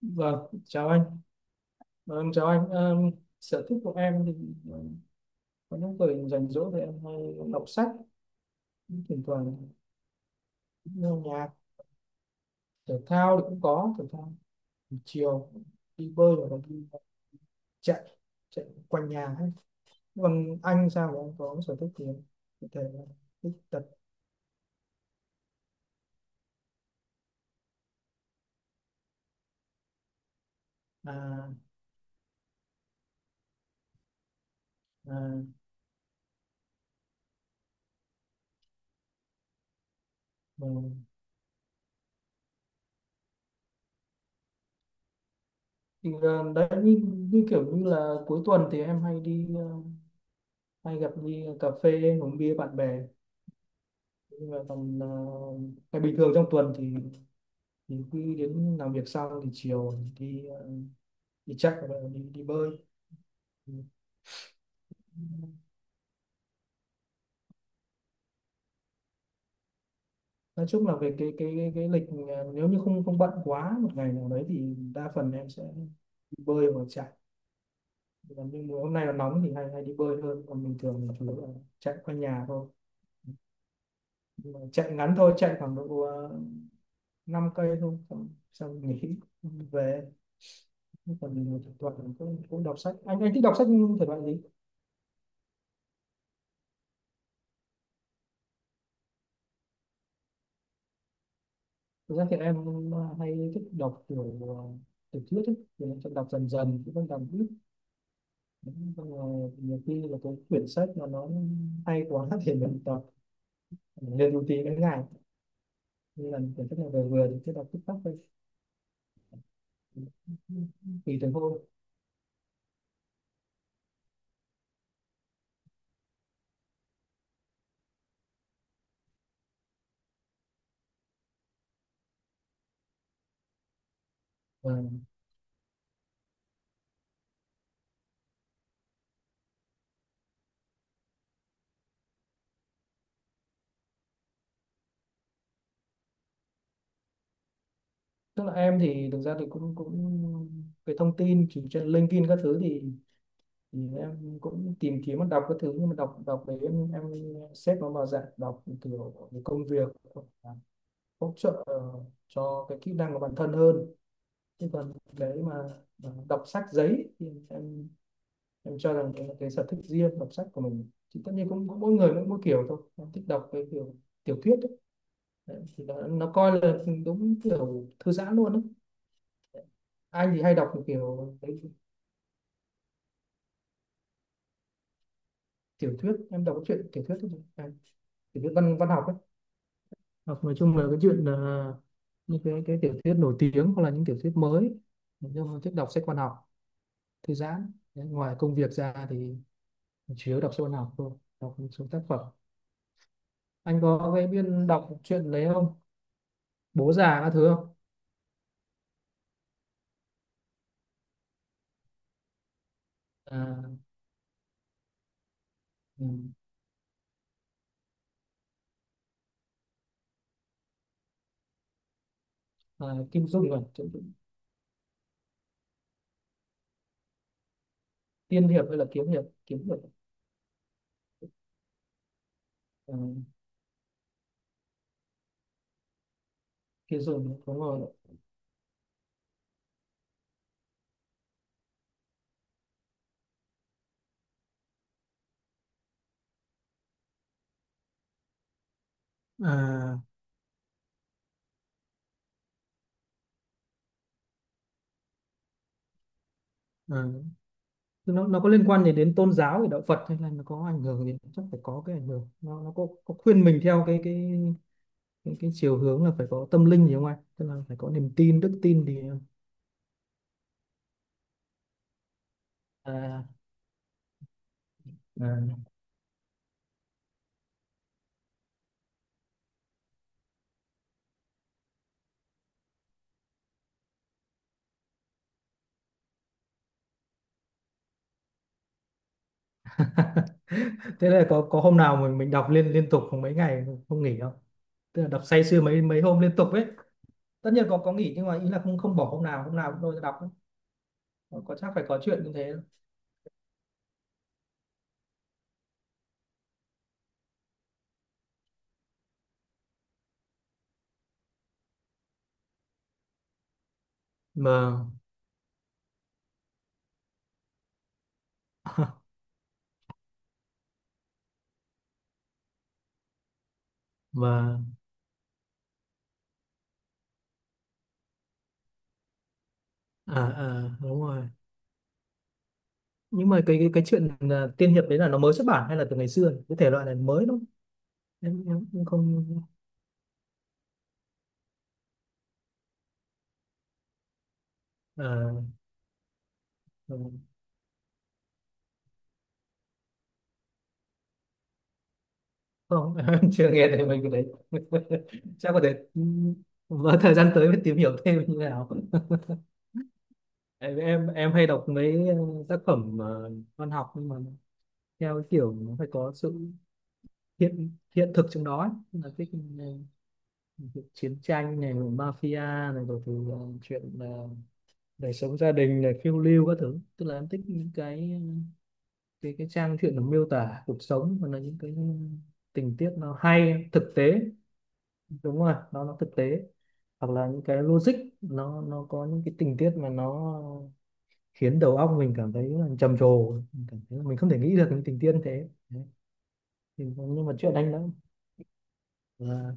Vâng, chào anh. Vâng, chào anh. Ờ, Sở thích của em thì ờ, có những thời rảnh rỗi thì em hay đọc sách, thỉnh thoảng nghe nhạc, thể thao thì cũng có. Thể thao buổi chiều đi bơi hoặc là đi chạy, chạy quanh nhà hết. Còn anh sao, mà anh có sở thích gì không? Có thể là thích tập à, à, ừ. Thì là đấy, như, như kiểu như là cuối tuần thì em hay đi hay gặp, đi cà phê, uống bia bạn bè. Nhưng mà tầm ngày bình thường trong tuần thì cứ đến làm việc xong thì chiều đi đi chạy hoặc là đi đi bơi. Ừ. Nói chung là về cái lịch, ờ, nếu như không không bận quá một ngày nào đấy thì đa phần em sẽ đi bơi hoặc chạy. Còn nhưng mà hôm nay là nóng thì hay hay đi bơi hơn, còn bình thường thì chủ yếu là chạy quanh nhà thôi. Nhưng mà chạy ngắn thôi, chạy khoảng độ 5 cây thôi, xong, xong nghỉ về. Còn mình thỉnh thoảng cũng cũng đọc sách, anh thích đọc sách thể loại gì? Thực ra thì em hay thích đọc kiểu tiểu thuyết ấy. Thì em sẽ đọc dần dần, cũng không đọc ít. Xong rồi nhiều khi là cái quyển sách mà nó hay quá thì mình đọc lên một tí đến ngày, như là quyển sách này vừa vừa thì cứ đọc tích tắc thôi, tùy từng hôm. Và tức là em thì thực ra thì cũng cũng cái thông tin chỉ trên LinkedIn các thứ thì em cũng tìm kiếm và đọc các thứ. Nhưng mà đọc đọc đấy, em xếp nó vào dạng đọc kiểu về công việc, hỗ trợ cho cái kỹ năng của bản thân hơn. Chứ còn cái mà đọc sách giấy thì em cho rằng đấy là cái sở thích riêng. Đọc sách của mình thì tất nhiên cũng, mỗi người mỗi kiểu, thôi em thích đọc cái kiểu tiểu thuyết ấy. Đấy, thì nó coi là đúng kiểu thư giãn luôn ấy. Anh thì hay đọc kiểu cái tiểu thuyết, em đọc cái chuyện tiểu thuyết thôi, tiểu thuyết văn văn học ấy, hoặc nói chung là cái chuyện, những cái tiểu thuyết nổi tiếng hoặc là những tiểu thuyết mới. Nói chung thích đọc sách văn học thư giãn. Đấy, ngoài công việc ra thì chủ yếu đọc sách văn học thôi, đọc một số tác phẩm. Anh có cái biên đọc truyện đấy không, bố già các thứ không? À, ừ, à, Kim Dung rồi Kim. Tiên hiệp hay là kiếm hiệp, kiếm hiệp. À, Kim Dung đúng rồi. À, à, nó có liên quan gì đến tôn giáo, thì đạo Phật, hay là nó có ảnh hưởng gì? Chắc phải có cái ảnh hưởng, nó có khuyên mình theo cái chiều hướng là phải có tâm linh gì không anh? Tức là phải có niềm tin, đức tin thì à, à. Thế là có hôm nào mình đọc liên liên tục mấy ngày không nghỉ không? Tức là đọc say sưa mấy mấy hôm liên tục ấy. Tất nhiên có nghỉ, nhưng mà ý là không không bỏ hôm nào, hôm nào cũng lôi ra đọc ấy. Có chắc phải có chuyện như thế. Mà mà à, à đúng rồi. Nhưng mà cái chuyện à, tiên hiệp đấy là nó mới xuất bản hay là từ ngày xưa nhỉ? Cái thể loại này mới đúng không? Em cũng không. À, ừ, không. Em chưa nghe thấy mình cái đấy. Chắc có thể ừ, vào thời gian tới mới tìm hiểu thêm như thế nào. Em hay đọc mấy tác phẩm văn học, nhưng mà theo cái kiểu nó phải có sự hiện hiện thực trong đó ấy. Tức là cái việc chiến tranh này rồi mafia này rồi thì chuyện đời sống gia đình này, phiêu lưu các thứ. Tức là em thích những cái trang truyện nó miêu tả cuộc sống, và là những cái tình tiết nó hay, thực tế. Đúng rồi, nó thực tế. Hoặc là những cái logic, nó có những cái tình tiết mà nó khiến đầu óc mình cảm thấy là trầm trồ, mình cảm thấy là mình không thể nghĩ được những tình tiết như thế. Đấy. Thì, nhưng mà chuyện anh đã là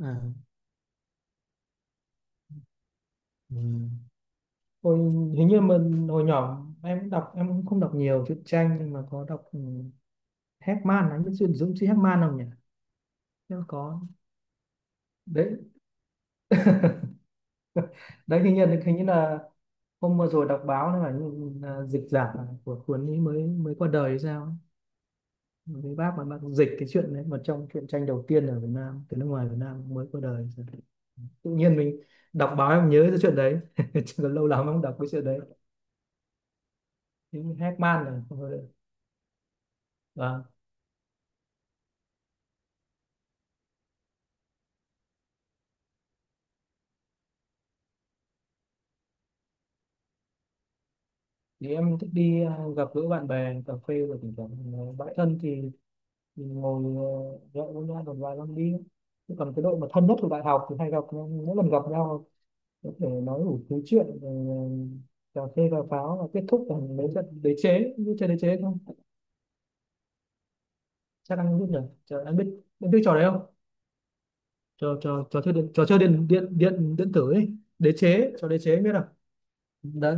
à, ừ. Hồi hình như mình hồi nhỏ em cũng đọc, em cũng không đọc nhiều truyện tranh nhưng mà có đọc, ừ, Heckman, anh biết chuyện Dũng sĩ Heckman không nhỉ, em có. Đấy. Đấy hình như là hôm vừa rồi đọc báo là, ừ, là dịch giả của cuốn ấy mới mới qua đời hay sao. Với bác mà bác dịch cái chuyện đấy mà trong truyện tranh đầu tiên ở Việt Nam từ nước ngoài Việt Nam mới qua đời. Tự nhiên mình đọc báo em nhớ cái chuyện đấy chứ còn lâu lắm em không đọc cái chuyện đấy, những Hackman này. Và thì em thích đi gặp gỡ bạn bè, cà phê, rồi thỉnh thoảng bạn thân thì mình ngồi nhậu với nhau một vài năm đi. Chứ còn cái đội mà thân nhất của đại học thì hay gặp nhau, mỗi lần gặp nhau có thể nói đủ thứ chuyện rồi, ờ, cà phê cà pháo và kết thúc bằng mấy trận đế chế, như chơi đế chế không? Chắc anh biết rồi, chờ anh biết. Anh biết trò đấy không, trò trò trò chơi điện, trò chơi điện điện tử ấy, đế chế, trò đế chế anh biết không? Đấy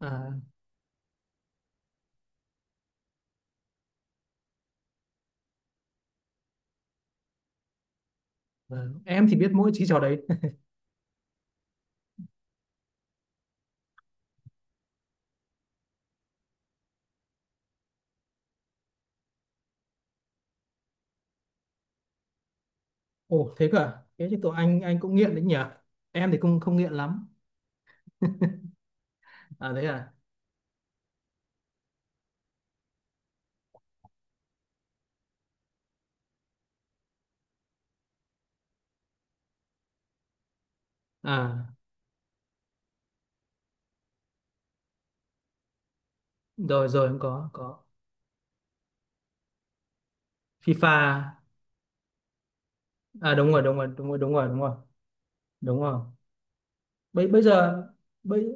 à. Vâng. Em thì biết mỗi chỉ trò đấy. Ồ thế cơ à, thế thì tụi anh cũng nghiện đấy nhỉ. Em thì cũng không nghiện lắm. À thế à. À rồi rồi em có FIFA. À đúng rồi đúng rồi đúng rồi đúng rồi đúng rồi Đúng rồi. bây bây giờ bây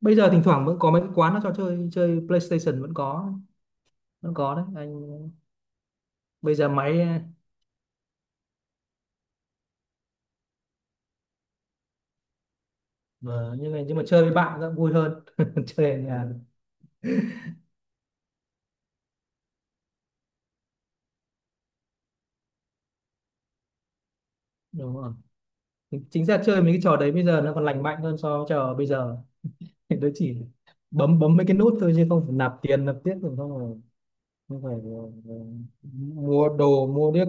bây giờ thỉnh thoảng vẫn có mấy cái quán nó cho chơi chơi PlayStation, vẫn có. Vẫn có đấy anh. Bây giờ máy. Vâng, nhưng mà chơi với bạn cũng vui hơn chơi ở nhà. Đúng rồi. Chính ra chơi mấy cái trò đấy bây giờ nó còn lành mạnh hơn so với trò bây giờ. Nó chỉ bấm bấm mấy cái nút thôi, chứ không phải nạp tiền, nạp tiếp rồi, không rồi, không phải mua đồ mua điếc.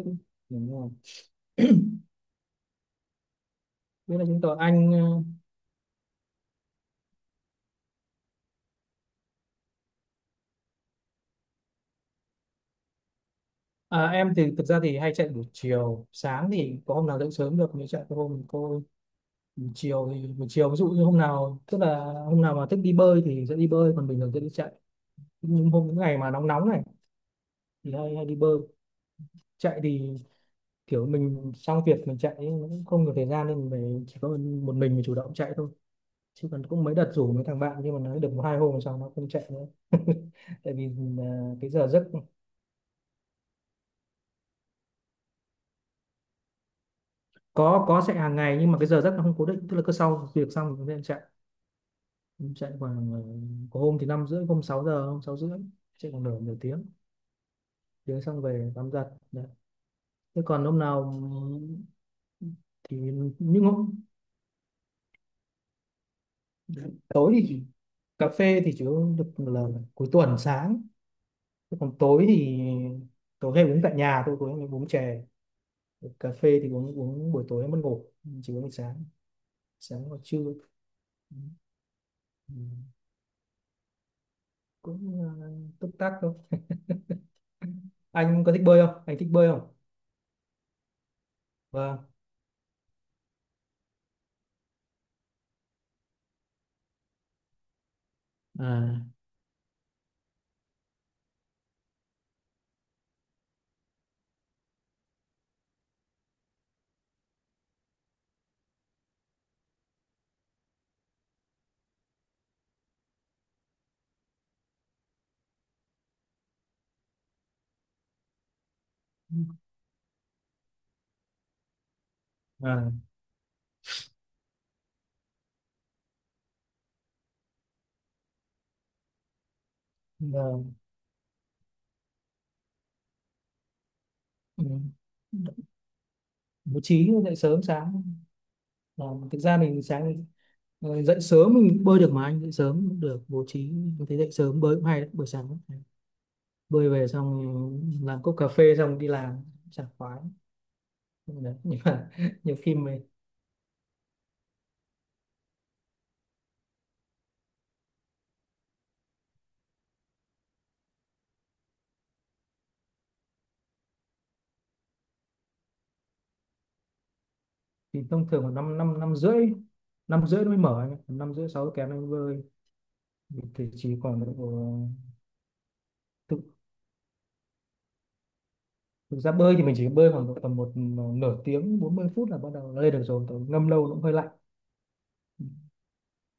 Đúng rồi. Biết là chứng tỏ anh. Em thì thực ra thì hay chạy buổi chiều, sáng thì có hôm nào dậy sớm được mới chạy, có hôm cô. Buổi chiều thì buổi chiều ví dụ như hôm nào, tức là hôm nào mà thích đi bơi thì sẽ đi bơi, còn bình thường sẽ đi chạy. Nhưng hôm những ngày mà nóng nóng này thì hay hay đi bơi. Chạy thì kiểu mình xong việc mình chạy ấy, nó cũng không nhiều thời gian nên mình chỉ có một mình chủ động chạy thôi. Chứ còn cũng mấy đợt rủ mấy thằng bạn nhưng mà nó được một hai hôm sau nó không chạy nữa. Tại vì à, cái giờ giấc. Có chạy hàng ngày nhưng mà cái giờ giấc nó không cố định, tức là cứ sau việc xong thì chúng ta chạy, chạy khoảng có hôm thì năm rưỡi, hôm 6 giờ, hôm sáu rưỡi, chạy khoảng nửa nửa tiếng, tiếng xong về tắm giặt. Đấy. Thế còn hôm nào thì những hôm tối thì cà phê thì chỉ uống được là cuối tuần sáng. Chứ còn tối thì tối hay uống tại nhà thôi, tối hay uống chè. Cà phê thì uống uống buổi tối mất ngủ, chỉ uống buổi sáng, sáng hoặc trưa. Ừ. Ừ. Cũng túc tắc thôi. Anh có thích bơi không, anh thích bơi không? Vâng. À. À vâng. Ừ. Bố trí dậy sớm sáng. Ờ, thực ra mình sáng dậy sớm mình bơi được mà, anh dậy sớm cũng được, bố trí mình thấy dậy sớm bơi cũng hay đấy, buổi sáng bơi về xong làm cốc cà phê xong đi làm, sảng khoái. Đấy, nhưng mà nhiều khi mình thì thông thường khoảng năm năm năm rưỡi, năm rưỡi nó mới mở, năm rưỡi sáu kém nó mới bơi. Mình thì chỉ còn độ, thực, thực ra bơi thì mình chỉ bơi khoảng độ tầm một nửa tiếng 40 phút là bắt đầu lên được rồi. Tại ngâm lâu nó cũng hơi lạnh,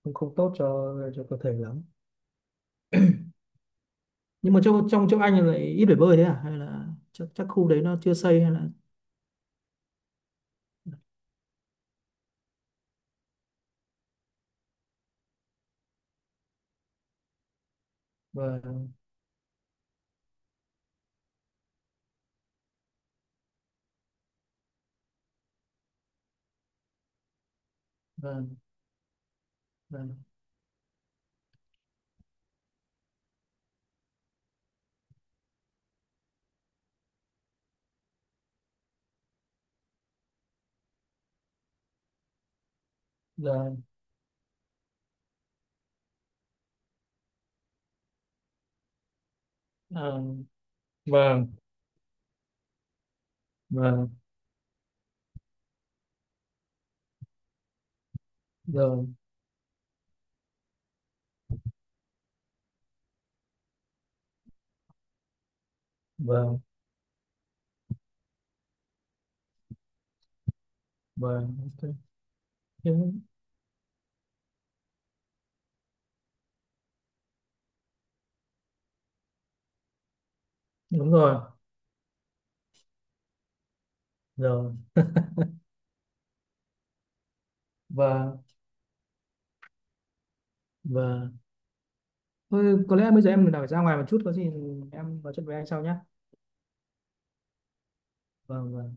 cũng không tốt cho cơ thể lắm. Nhưng mà trong trong chỗ anh lại ít phải bơi thế à, hay là chắc, chắc khu đấy nó chưa xây hay là. Vâng. Vâng vâng vâng À, vâng. Vâng. Rồi. Vâng. Vâng. Ok. Đúng, đúng rồi. Rồi. Và. Và thôi có lẽ bây giờ em phải ra ngoài một chút, có gì em nói chuyện với anh sau nhé. Vâng, vâng.